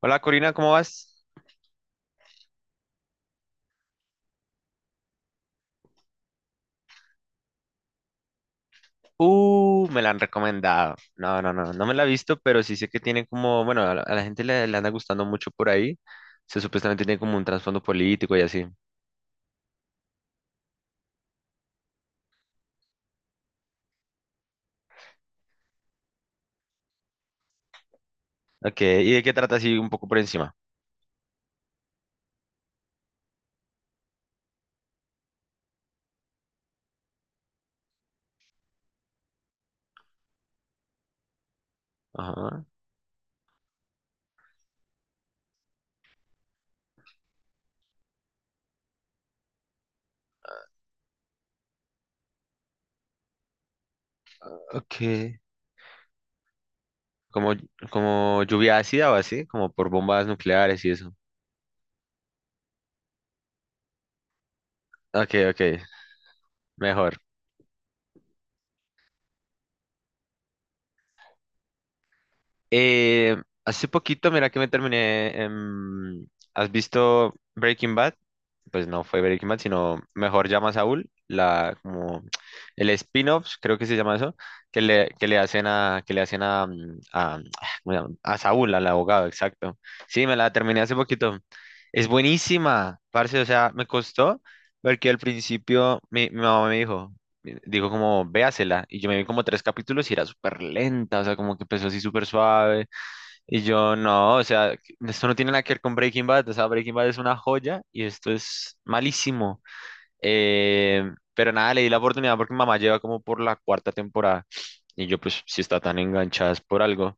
Hola Corina, ¿cómo vas? Me la han recomendado. No, no, no, no me la he visto, pero sí sé que tiene como, bueno, a la gente le anda gustando mucho por ahí. Se supuestamente tiene como un trasfondo político y así. Ok, ¿y de qué trata así un poco por encima? Ajá. Ok. Como, como lluvia ácida o así, como por bombas nucleares y eso. Ok, ok, mejor. Eh, Hace poquito, mira que me terminé. ¿Has visto Breaking Bad? Pues no fue Breaking Bad, sino Mejor Llama a Saúl, como el spin-off, creo que se llama eso, que le hacen a, ¿cómo se llama? A Saúl, al abogado, exacto. Sí, me la terminé hace poquito. Es buenísima, parce, o sea, me costó, porque al principio mi mamá me dijo, dijo como, véasela. Y yo me vi como tres capítulos y era súper lenta, o sea, como que empezó así súper suave. Y yo, no, o sea, esto no tiene nada que ver con Breaking Bad, o sea, Breaking Bad es una joya y esto es malísimo. Pero nada, le di la oportunidad porque mamá lleva como por la cuarta temporada. Y yo, pues, si está tan enganchada es por algo.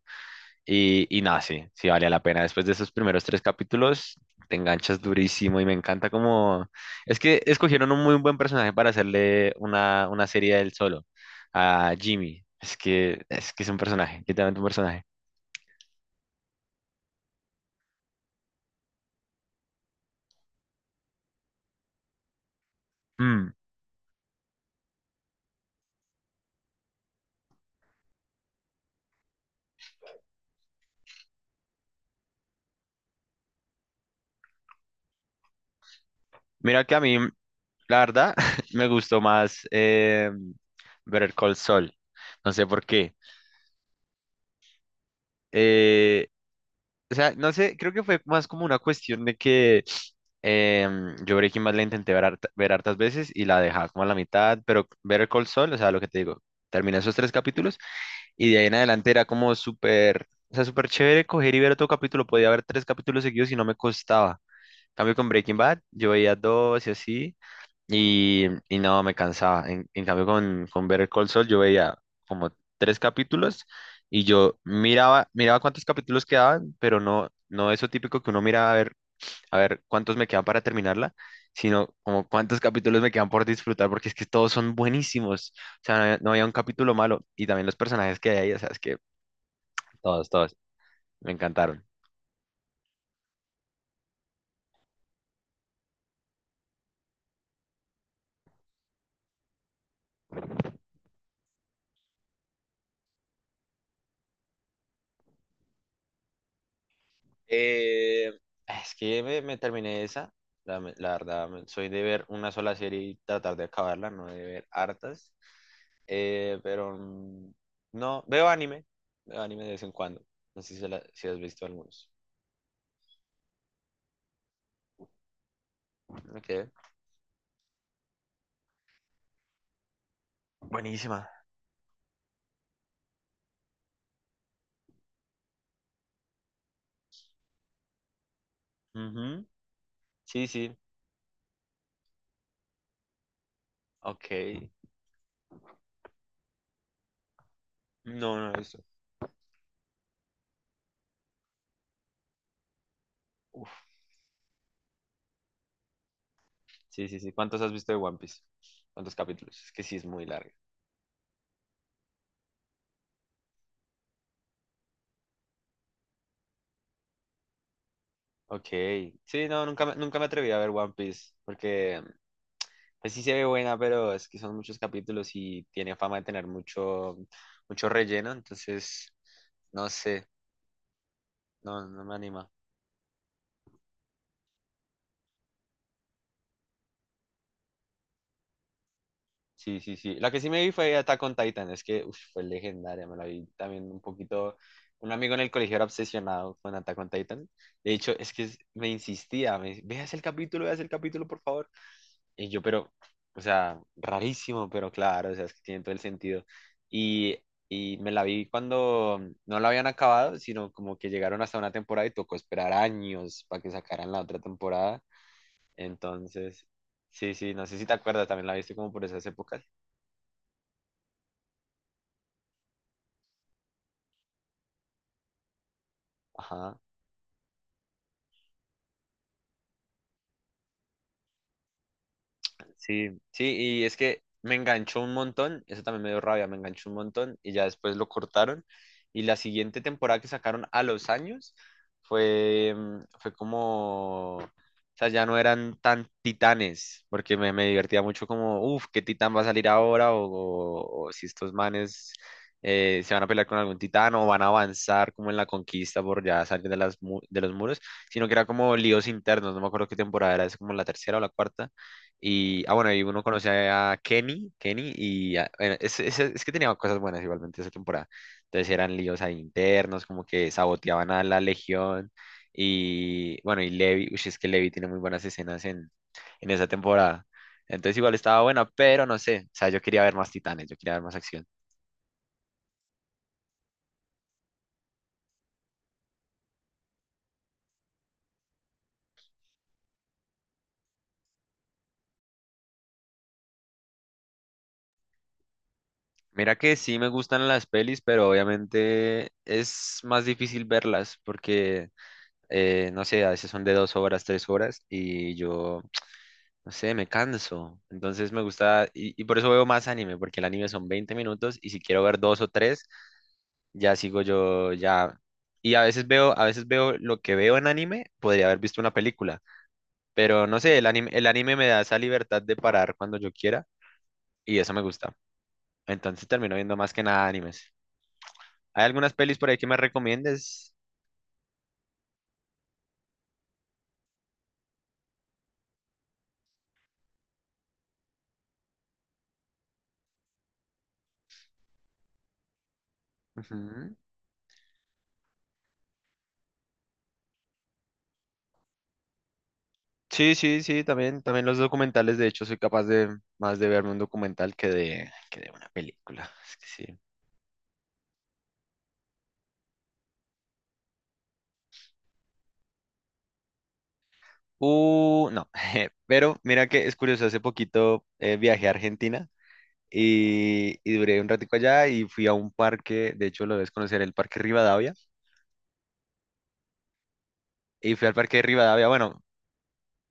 Y nada, sí, sí vale la pena. Después de esos primeros tres capítulos, te enganchas durísimo y me encanta como... Es que escogieron un muy buen personaje para hacerle una serie del solo, a Jimmy. Es que es un personaje, literalmente un personaje. Mm. Mira que a mí, la verdad, me gustó más Better Call Saul. No sé por qué. Eh, O sea, no sé, creo que fue más como una cuestión de que yo Breaking Bad la intenté ver, ver hartas veces y la dejaba como a la mitad, pero Better Call Saul, o sea, lo que te digo, terminé esos tres capítulos y de ahí en adelante era como súper, o sea, súper chévere coger y ver otro capítulo, podía ver tres capítulos seguidos y no me costaba. En cambio con Breaking Bad, yo veía dos y así, y no, me cansaba. En cambio, con Better Call Saul yo veía como tres capítulos y yo miraba cuántos capítulos quedaban, pero no, no eso típico que uno mira a ver cuántos me quedan para terminarla, sino como cuántos capítulos me quedan por disfrutar, porque es que todos son buenísimos. O sea, no había un capítulo malo y también los personajes que hay ahí, o sea, es que todos, todos, me encantaron. Eh, ah, es que me terminé esa. La verdad, soy de ver una sola serie y tratar de acabarla, no de ver hartas. Pero no, veo anime. Veo anime de vez en cuando. No sé si has visto algunos. Ok. Buenísima. Ujú. Sí, sí. Ok. No, no he visto. Uf. Sí, sí, sí. ¿Cuántos has visto de One Piece? ¿Cuántos capítulos? Es que sí es muy larga. Ok. Sí, no, nunca, nunca me atreví a ver One Piece porque pues sí se ve buena, pero es que son muchos capítulos y tiene fama de tener mucho, mucho relleno, entonces no sé, no, no me anima. Sí, sí, sí. La que sí me vi fue Attack on Titan, es que uf, fue legendaria, me la vi también un poquito. Un amigo en el colegio era obsesionado con Attack on Titan. De hecho, es que me insistía, veas el capítulo, por favor. Y yo, pero, o sea, rarísimo, pero claro, o sea, es que tiene todo el sentido. Y, y me la vi cuando no la habían acabado, sino como que llegaron hasta una temporada y tocó esperar años para que sacaran la otra temporada. Entonces, sí, sí, no sé si te acuerdas, también la viste como por esas épocas. Ajá. Sí, sí, y es que me enganchó un montón, eso también me dio rabia, me enganchó un montón y ya después lo cortaron. Y la siguiente temporada que sacaron a los años fue como, o sea, ya no eran tan titanes, porque me divertía mucho como, uff, ¿qué titán va a salir ahora? O si estos manes se van a pelear con algún titán o van a avanzar como en la conquista por ya salir de los muros, sino que era como líos internos, no me acuerdo qué temporada era, es como la tercera o la cuarta y, ah, bueno, y uno conoce a Kenny, Kenny, y bueno, es que tenía cosas buenas igualmente esa temporada. Entonces eran líos ahí internos, como que saboteaban a la Legión. Y bueno, y Levi, uy, es que Levi tiene muy buenas escenas en esa temporada. Entonces igual estaba buena, pero no sé, o sea, yo quería ver más titanes, yo quería ver más acción. Mira que sí me gustan las pelis, pero obviamente es más difícil verlas porque, no sé, a veces son de 2 horas, 3 horas, y yo no sé, me canso. Entonces me gusta, y por eso veo más anime, porque el anime son 20 minutos y si quiero ver dos o tres, ya sigo yo, ya. Y a veces veo, lo que veo en anime, podría haber visto una película, pero no sé, el anime me da esa libertad de parar cuando yo quiera y eso me gusta. Entonces termino viendo más que nada animes. ¿Hay algunas pelis por ahí que me recomiendes? Ujú. Sí, sí, sí, también, también los documentales, de hecho, soy capaz de más de verme un documental que de una película. Es que sí. No, pero mira que es curioso, hace poquito viajé a Argentina y duré un ratico allá y fui a un parque, de hecho lo debes conocer, el Parque Rivadavia, y fui al Parque Rivadavia, bueno,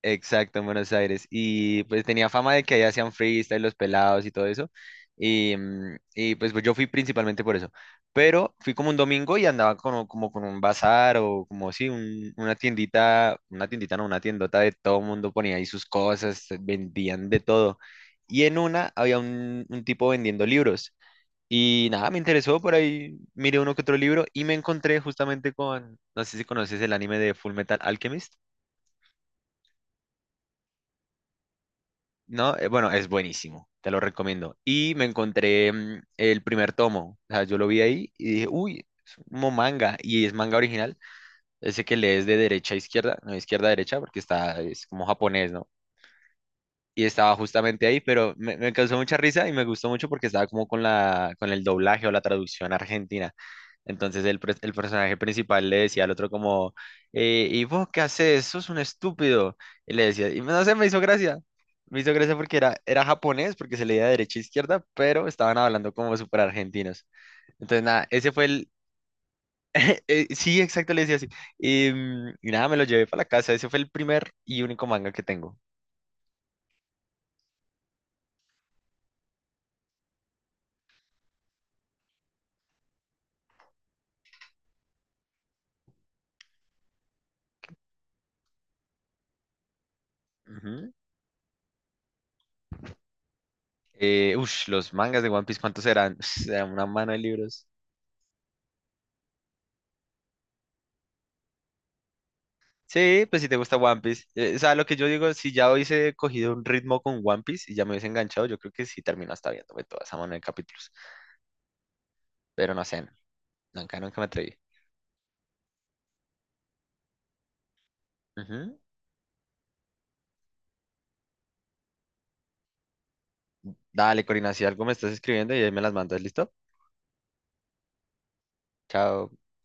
exacto, en Buenos Aires. Y pues tenía fama de que allá hacían freestyle, los pelados y todo eso. Y, pues, yo fui principalmente por eso. Pero fui como un domingo y andaba como con un bazar o como sí, una tiendita, no, una tiendota de todo mundo ponía ahí sus cosas, vendían de todo. Y en una había un tipo vendiendo libros. Y nada, me interesó por ahí, miré uno que otro libro y me encontré justamente con, no sé si conoces el anime de Full Metal Alchemist. ¿No? Bueno, es buenísimo, te lo recomiendo. Y me encontré el primer tomo, o sea, yo lo vi ahí y dije, uy, es como manga, y es manga original, ese que lees de derecha a izquierda, no, izquierda a derecha, porque es como japonés, ¿no? Y estaba justamente ahí, pero me causó mucha risa y me gustó mucho porque estaba como con la, con el doblaje o la traducción argentina. Entonces el personaje principal le decía al otro como, ¿y vos qué haces? Sos un estúpido. Y le decía, y no sé, me hizo gracia. Me hizo gracia porque era japonés, porque se leía de derecha a izquierda, pero estaban hablando como súper argentinos. Entonces, nada, ese fue el... Sí, exacto, le decía así. Y nada, me lo llevé para la casa. Ese fue el primer y único manga que tengo. Ujú. Los mangas de One Piece, ¿cuántos eran? Era una mano de libros. Sí, pues si te gusta One Piece. O sea, lo que yo digo, si ya hubiese cogido un ritmo con One Piece y ya me hubiese enganchado, yo creo que sí termino hasta viéndome toda esa mano de capítulos. Pero no sé, nunca, nunca me atreví. Ujú. Dale, Corina, si algo me estás escribiendo y ahí me las mandas, ¿listo? Chao.